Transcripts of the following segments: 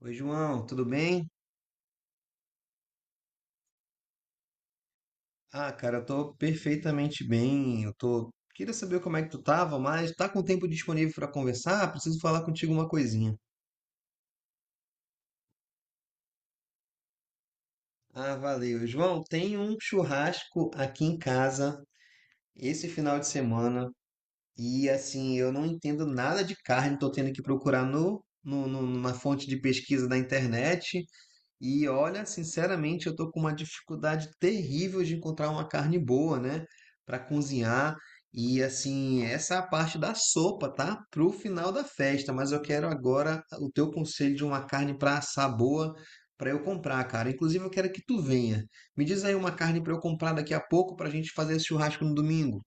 Oi, João, tudo bem? Ah, cara, eu tô perfeitamente bem. Eu tô. Queria saber como é que tu tava, mas tá com tempo disponível para conversar? Preciso falar contigo uma coisinha. Ah, valeu. João, tem um churrasco aqui em casa esse final de semana e assim, eu não entendo nada de carne, tô tendo que procurar na fonte de pesquisa da internet. E olha, sinceramente, eu tô com uma dificuldade terrível de encontrar uma carne boa, né, para cozinhar. E assim, essa é a parte da sopa, tá? Pro final da festa, mas eu quero agora o teu conselho de uma carne para assar boa para eu comprar, cara. Inclusive, eu quero que tu venha. Me diz aí uma carne para eu comprar daqui a pouco para a gente fazer esse churrasco no domingo.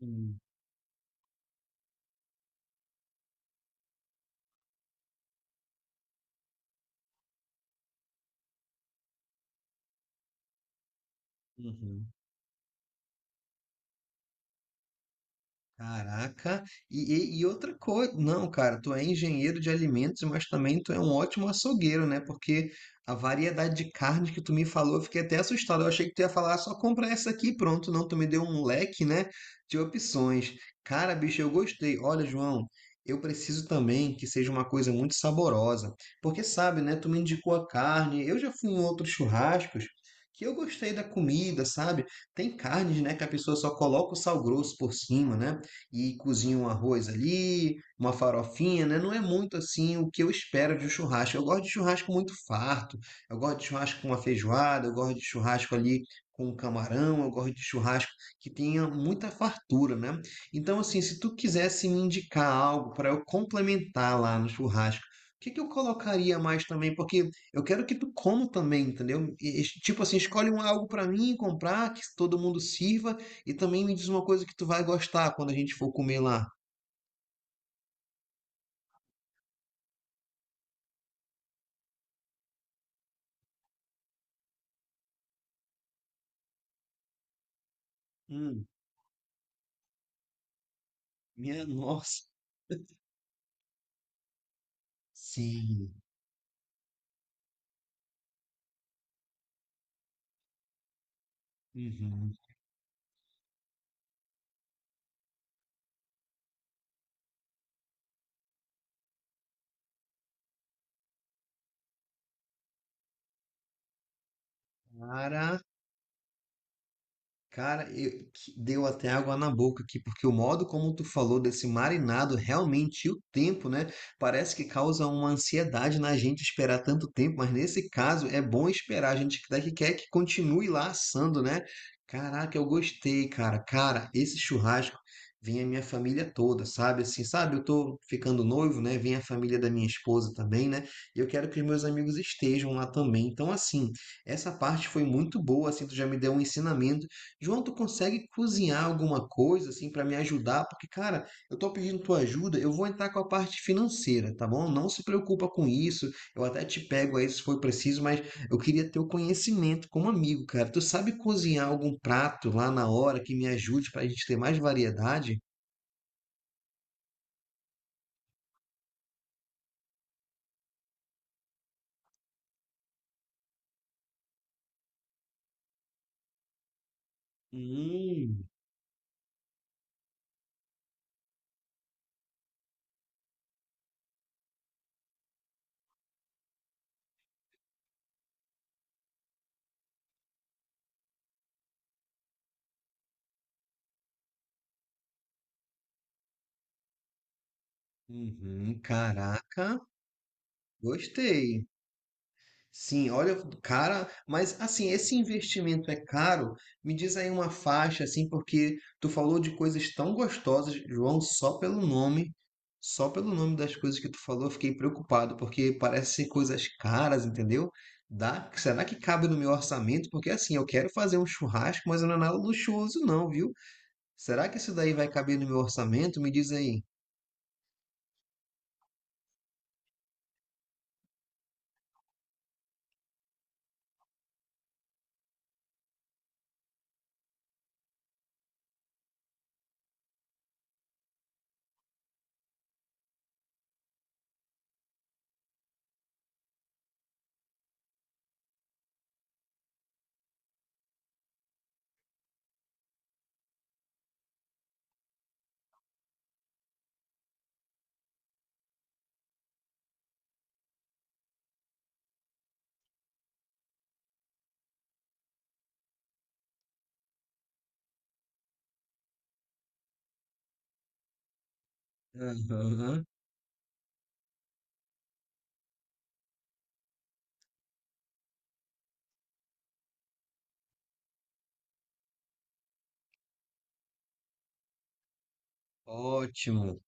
Hum. Uhum. Caraca, e outra coisa, não, cara, tu é engenheiro de alimentos, mas também tu é um ótimo açougueiro, né? Porque a variedade de carne que tu me falou, eu fiquei até assustado. Eu achei que tu ia falar, "Ah, só compra essa aqui, e pronto." Não, tu me deu um leque, né, de opções. Cara, bicho, eu gostei. Olha, João, eu preciso também que seja uma coisa muito saborosa, porque sabe, né? Tu me indicou a carne, eu já fui em outros churrascos. Que eu gostei da comida, sabe? Tem carnes, né, que a pessoa só coloca o sal grosso por cima, né? E cozinha um arroz ali, uma farofinha, né? Não é muito assim o que eu espero de um churrasco. Eu gosto de churrasco muito farto, eu gosto de churrasco com uma feijoada, eu gosto de churrasco ali com um camarão, eu gosto de churrasco que tenha muita fartura, né? Então, assim, se tu quisesse me indicar algo para eu complementar lá no churrasco, o que que eu colocaria mais também? Porque eu quero que tu coma também, entendeu? Tipo assim, escolhe um algo para mim comprar, que todo mundo sirva, e também me diz uma coisa que tu vai gostar quando a gente for comer lá. Hum, minha nossa. Sim. Uhum. Cara, cara, eu, que- deu até água na boca aqui, porque o modo como tu falou desse marinado, realmente e o tempo, né? Parece que causa uma ansiedade na gente esperar tanto tempo, mas nesse caso é bom esperar, a gente quer que continue lá assando, né? Caraca, eu gostei, cara. Cara, esse churrasco vem a minha família toda, sabe? Assim, sabe? Eu tô ficando noivo, né? Vem a família da minha esposa também, né? E eu quero que os meus amigos estejam lá também. Então, assim, essa parte foi muito boa, assim, tu já me deu um ensinamento. João, tu consegue cozinhar alguma coisa assim para me ajudar? Porque, cara, eu tô pedindo tua ajuda, eu vou entrar com a parte financeira, tá bom? Não se preocupa com isso. Eu até te pego aí se for preciso, mas eu queria ter o conhecimento como amigo, cara. Tu sabe cozinhar algum prato lá na hora que me ajude pra gente ter mais variedade? Hum, uhum, caraca, gostei. Sim, olha, cara, mas assim, esse investimento é caro? Me diz aí uma faixa, assim, porque tu falou de coisas tão gostosas, João, só pelo nome das coisas que tu falou, eu fiquei preocupado, porque parece ser coisas caras, entendeu? Dá, será que cabe no meu orçamento? Porque assim, eu quero fazer um churrasco, mas não é nada luxuoso, não, viu? Será que isso daí vai caber no meu orçamento? Me diz aí. Aham. Ótimo,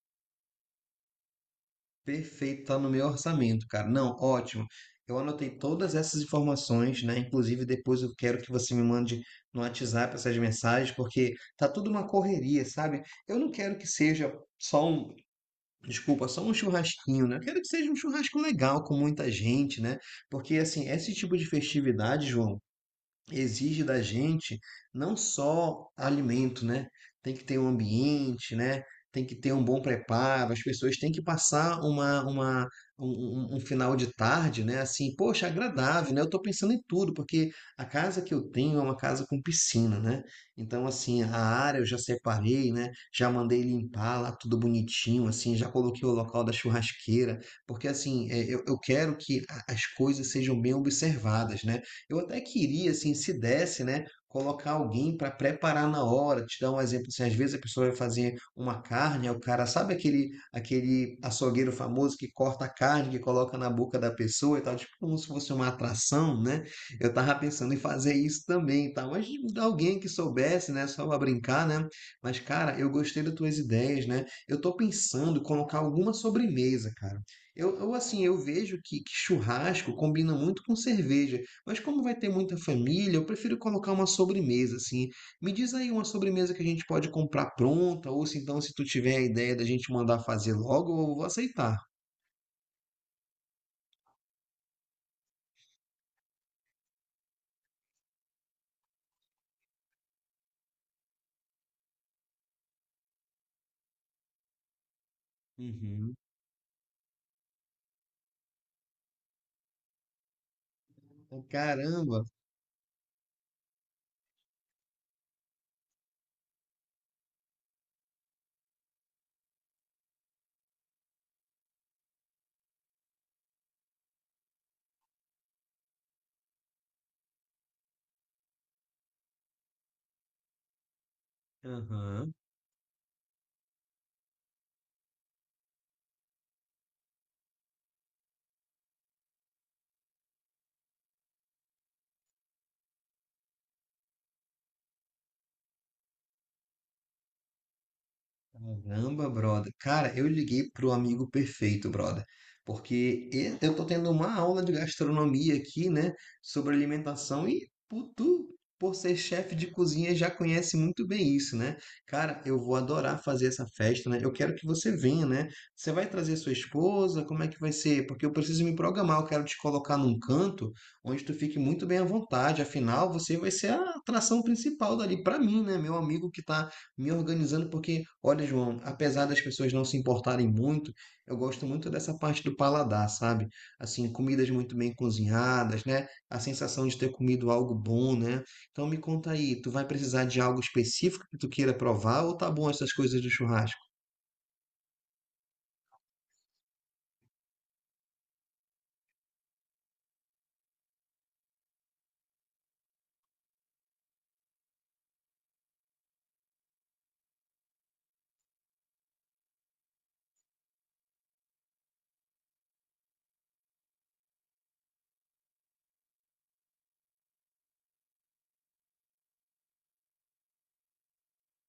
perfeito, tá no meu orçamento, cara. Não, ótimo. Eu anotei todas essas informações, né? Inclusive, depois eu quero que você me mande no WhatsApp essas mensagens, porque tá tudo uma correria, sabe? Eu não quero que seja só um, desculpa, só um churrasquinho, né? Eu quero que seja um churrasco legal com muita gente, né? Porque, assim, esse tipo de festividade, João, exige da gente não só alimento, né? Tem que ter um ambiente, né? Tem que ter um bom preparo, as pessoas têm que passar um final de tarde, né? Assim, poxa, agradável, né? Eu estou pensando em tudo, porque a casa que eu tenho é uma casa com piscina, né? Então, assim, a área eu já separei, né? Já mandei limpar lá tudo bonitinho, assim, já coloquei o local da churrasqueira, porque assim, é, eu quero que a- as coisas sejam bem observadas, né? Eu até queria, assim, se desse, né, colocar alguém para preparar na hora. Te dar um exemplo, assim, às vezes a pessoa vai fazer uma carne, aí o cara sabe, aquele açougueiro famoso que corta a carne, que coloca na boca da pessoa e tal, tipo como se fosse uma atração, né? Eu tava pensando em fazer isso também, e tal, mas de alguém que soubesse, né, só para brincar, né? Mas cara, eu gostei das tuas ideias, né? Eu tô pensando em colocar alguma sobremesa, cara. Assim, eu vejo que, churrasco combina muito com cerveja. Mas como vai ter muita família, eu prefiro colocar uma sobremesa, assim. Me diz aí uma sobremesa que a gente pode comprar pronta, ou se então, se tu tiver a ideia da gente mandar fazer logo, eu vou aceitar. Uhum. Caramba! Aham. Caramba, brother. Cara, eu liguei pro amigo perfeito, brother. Porque e- eu tô tendo uma aula de gastronomia aqui, né? Sobre alimentação. E pu- tu, por ser chefe de cozinha, já conhece muito bem isso, né? Cara, eu vou adorar fazer essa festa, né? Eu quero que você venha, né? Você vai trazer sua esposa? Como é que vai ser? Porque eu preciso me programar. Eu quero te colocar num canto onde tu fique muito bem à vontade. Afinal, você vai ser a atração principal dali pra mim, né? Meu amigo que tá me organizando, porque, olha, João, apesar das pessoas não se importarem muito, eu gosto muito dessa parte do paladar, sabe? Assim, comidas muito bem cozinhadas, né? A sensação de ter comido algo bom, né? Então me conta aí, tu vai precisar de algo específico que tu queira provar ou tá bom essas coisas do churrasco?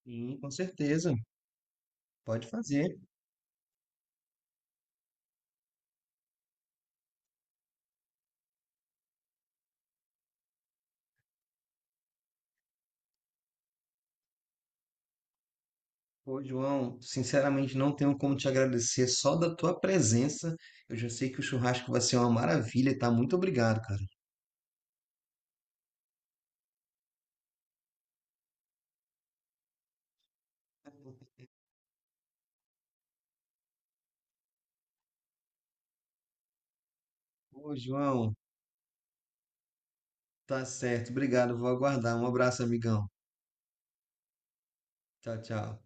Sim, com certeza. Pode fazer. Pô, João, sinceramente não tenho como te agradecer só da tua presença. Eu já sei que o churrasco vai ser uma maravilha, tá? Muito obrigado, cara. Ô, João, tá certo, obrigado, vou aguardar. Um abraço, amigão. Tchau, tchau.